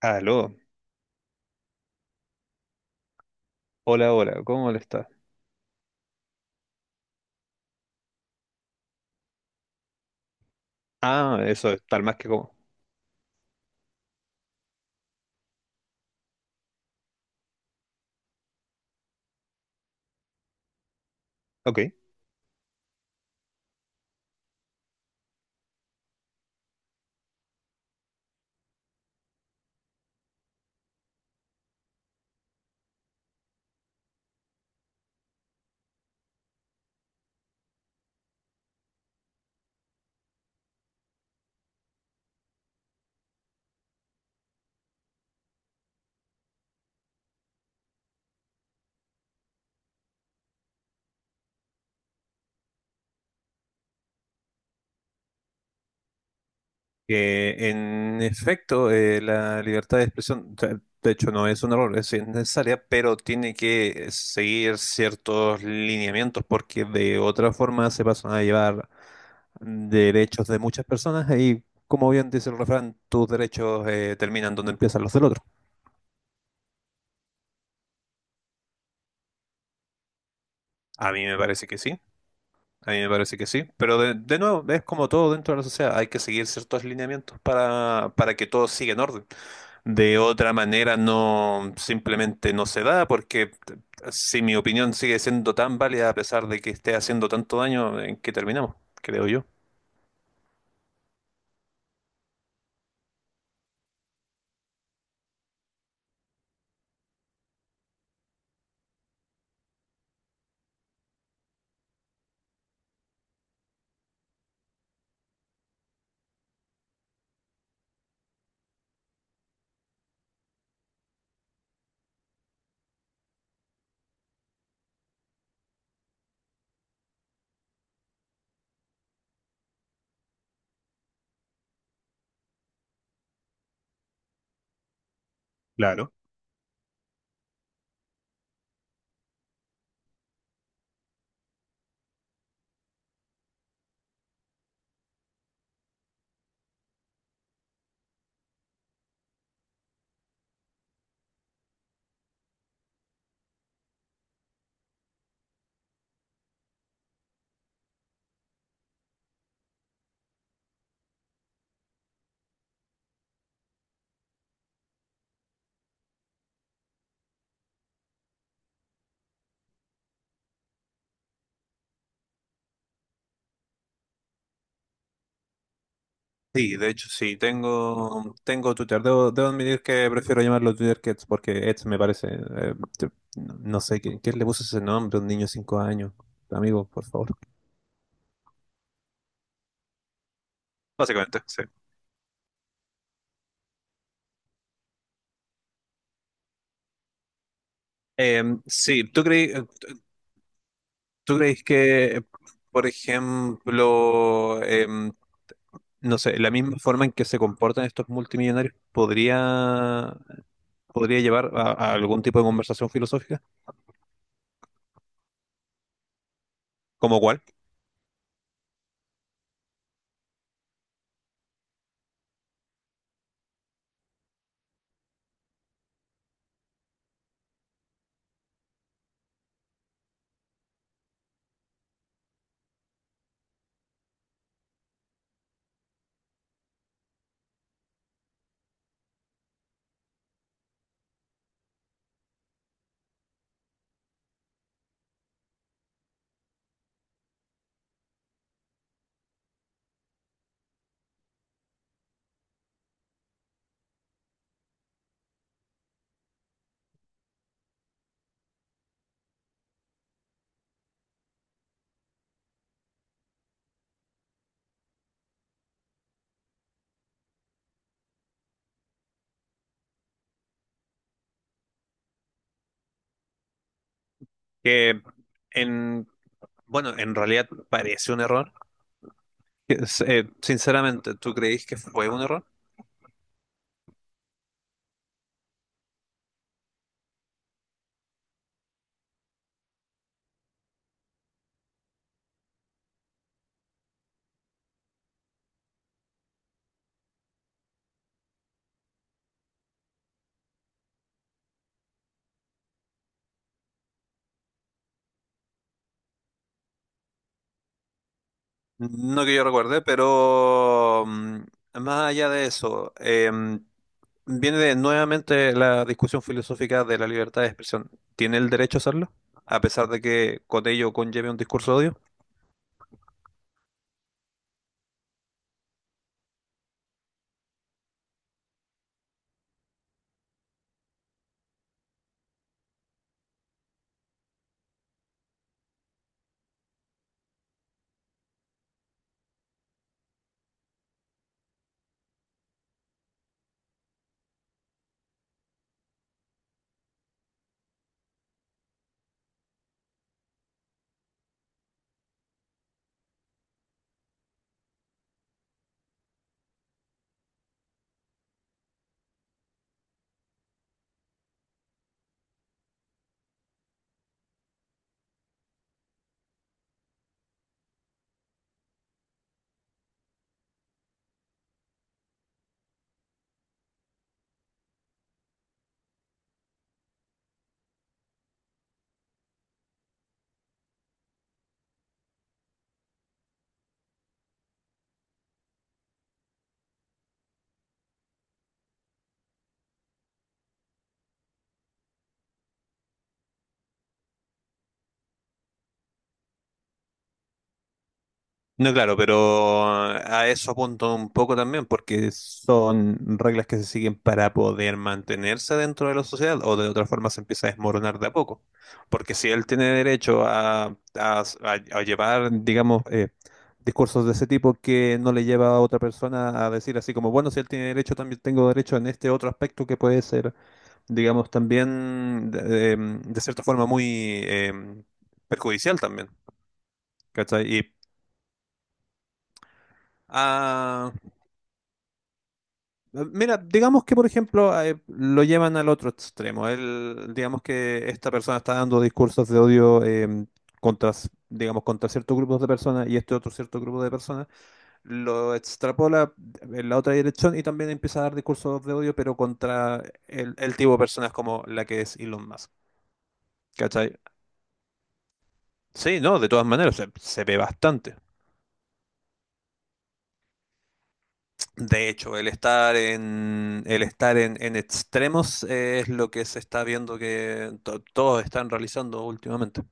Aló, hola, hola, ¿cómo le está? Ah, eso es tal más que cómo. Ok. En efecto, la libertad de expresión, o sea, de hecho, no es un error, es necesaria, pero tiene que seguir ciertos lineamientos porque de otra forma se pasan a llevar derechos de muchas personas y, como bien dice el refrán, tus derechos terminan donde empiezan los del otro. A mí me parece que sí. A mí me parece que sí, pero de nuevo, es como todo dentro de la sociedad, hay que seguir ciertos lineamientos para que todo siga en orden. De otra manera, no, simplemente no se da, porque si mi opinión sigue siendo tan válida a pesar de que esté haciendo tanto daño, ¿en qué terminamos? Creo yo. Claro. Sí, de hecho, sí, tengo Twitter. Debo admitir que prefiero llamarlo Twitter que X, porque X me parece, no sé, ¿ quién le puso ese nombre? A un niño de 5 años. Amigo, por favor. Básicamente, sí. Sí, ¿tú crees que, por ejemplo, no sé, la misma forma en que se comportan estos multimillonarios podría llevar a algún tipo de conversación filosófica? ¿Como cuál? Que en, bueno, en realidad parece un error. Es, sinceramente, ¿tú crees que fue un error? No que yo recuerde, pero más allá de eso, nuevamente la discusión filosófica de la libertad de expresión. ¿Tiene el derecho a hacerlo? A pesar de que con ello conlleve un discurso de odio. No, claro, pero a eso apunto un poco también, porque son reglas que se siguen para poder mantenerse dentro de la sociedad, o de otra forma se empieza a desmoronar de a poco. Porque si él tiene derecho a llevar, digamos, discursos de ese tipo que no le lleva a otra persona a decir así como, bueno, si él tiene derecho, también tengo derecho en este otro aspecto que puede ser digamos, también de, de cierta forma muy perjudicial también, ¿cachai? Y, ah, ah, mira, digamos que por ejemplo lo llevan al otro extremo. Él, digamos que esta persona está dando discursos de odio digamos, contra ciertos grupos de personas y este otro cierto grupo de personas lo extrapola en la otra dirección y también empieza a dar discursos de odio, pero contra el tipo de personas como la que es Elon Musk. ¿Cachai? Sí, no, de todas maneras, se ve bastante. De hecho, el estar en extremos es lo que se está viendo que todos están realizando últimamente.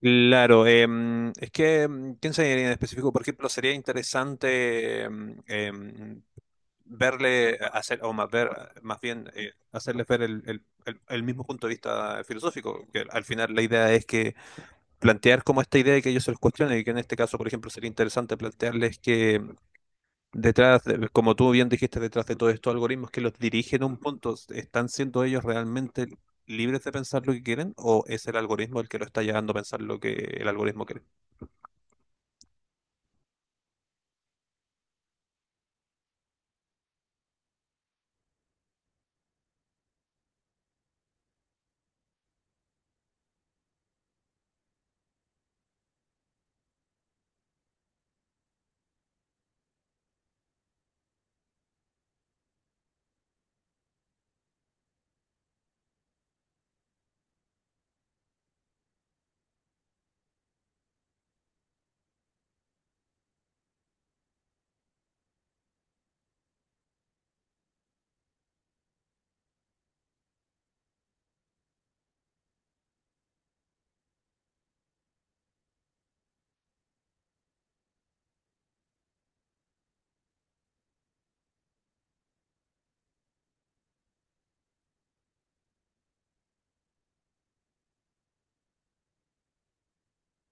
Claro, es que, ¿quién sería en específico? Por ejemplo, sería interesante verle, hacer, o más, ver, más bien hacerles ver el mismo punto de vista filosófico, que al final la idea es que plantear como esta idea y que ellos se los cuestionen, y que en este caso, por ejemplo, sería interesante plantearles que detrás, como tú bien dijiste, detrás de todos estos algoritmos que los dirigen a un punto, ¿están siendo ellos realmente libres de pensar lo que quieren o es el algoritmo el que lo está llevando a pensar lo que el algoritmo quiere?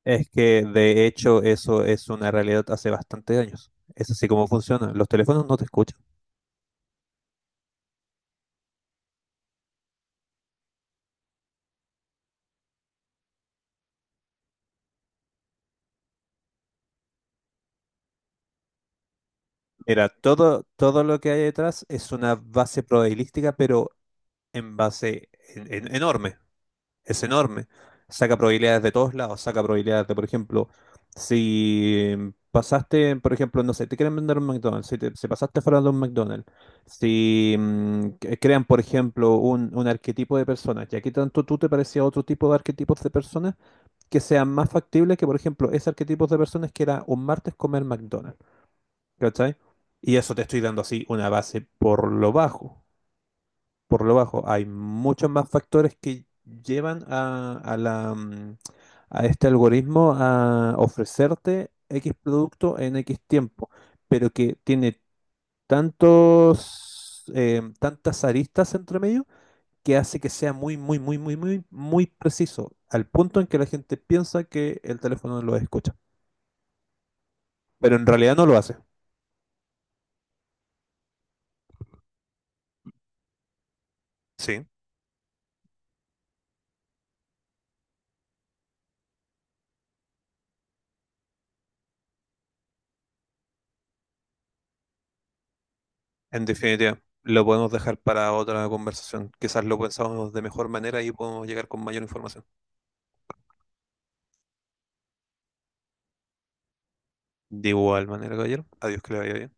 Es que de hecho eso es una realidad hace bastantes años. Es así como funciona. Los teléfonos no te escuchan. Mira, todo lo que hay detrás es una base probabilística, pero en base enorme, es enorme. Saca probabilidades de todos lados, saca probabilidades de, por ejemplo, si pasaste, por ejemplo, no sé, te quieren vender un McDonald's, si, si pasaste fuera de un McDonald's, si crean, por ejemplo, un arquetipo de personas, ya que tanto tú te parecía otro tipo de arquetipos de personas, que sean más factibles que, por ejemplo, ese arquetipo de personas que era un martes comer McDonald's, ¿cachai? Y eso te estoy dando así una base por lo bajo por lo bajo. Hay muchos más factores que llevan a la, a este algoritmo a ofrecerte X producto en X tiempo, pero que tiene tantos, tantas aristas entre medio que hace que sea muy preciso, al punto en que la gente piensa que el teléfono lo escucha, pero en realidad no lo hace. Sí, en definitiva, lo podemos dejar para otra conversación. Quizás lo pensamos de mejor manera y podemos llegar con mayor información. De igual manera, caballero. Adiós, que le vaya bien.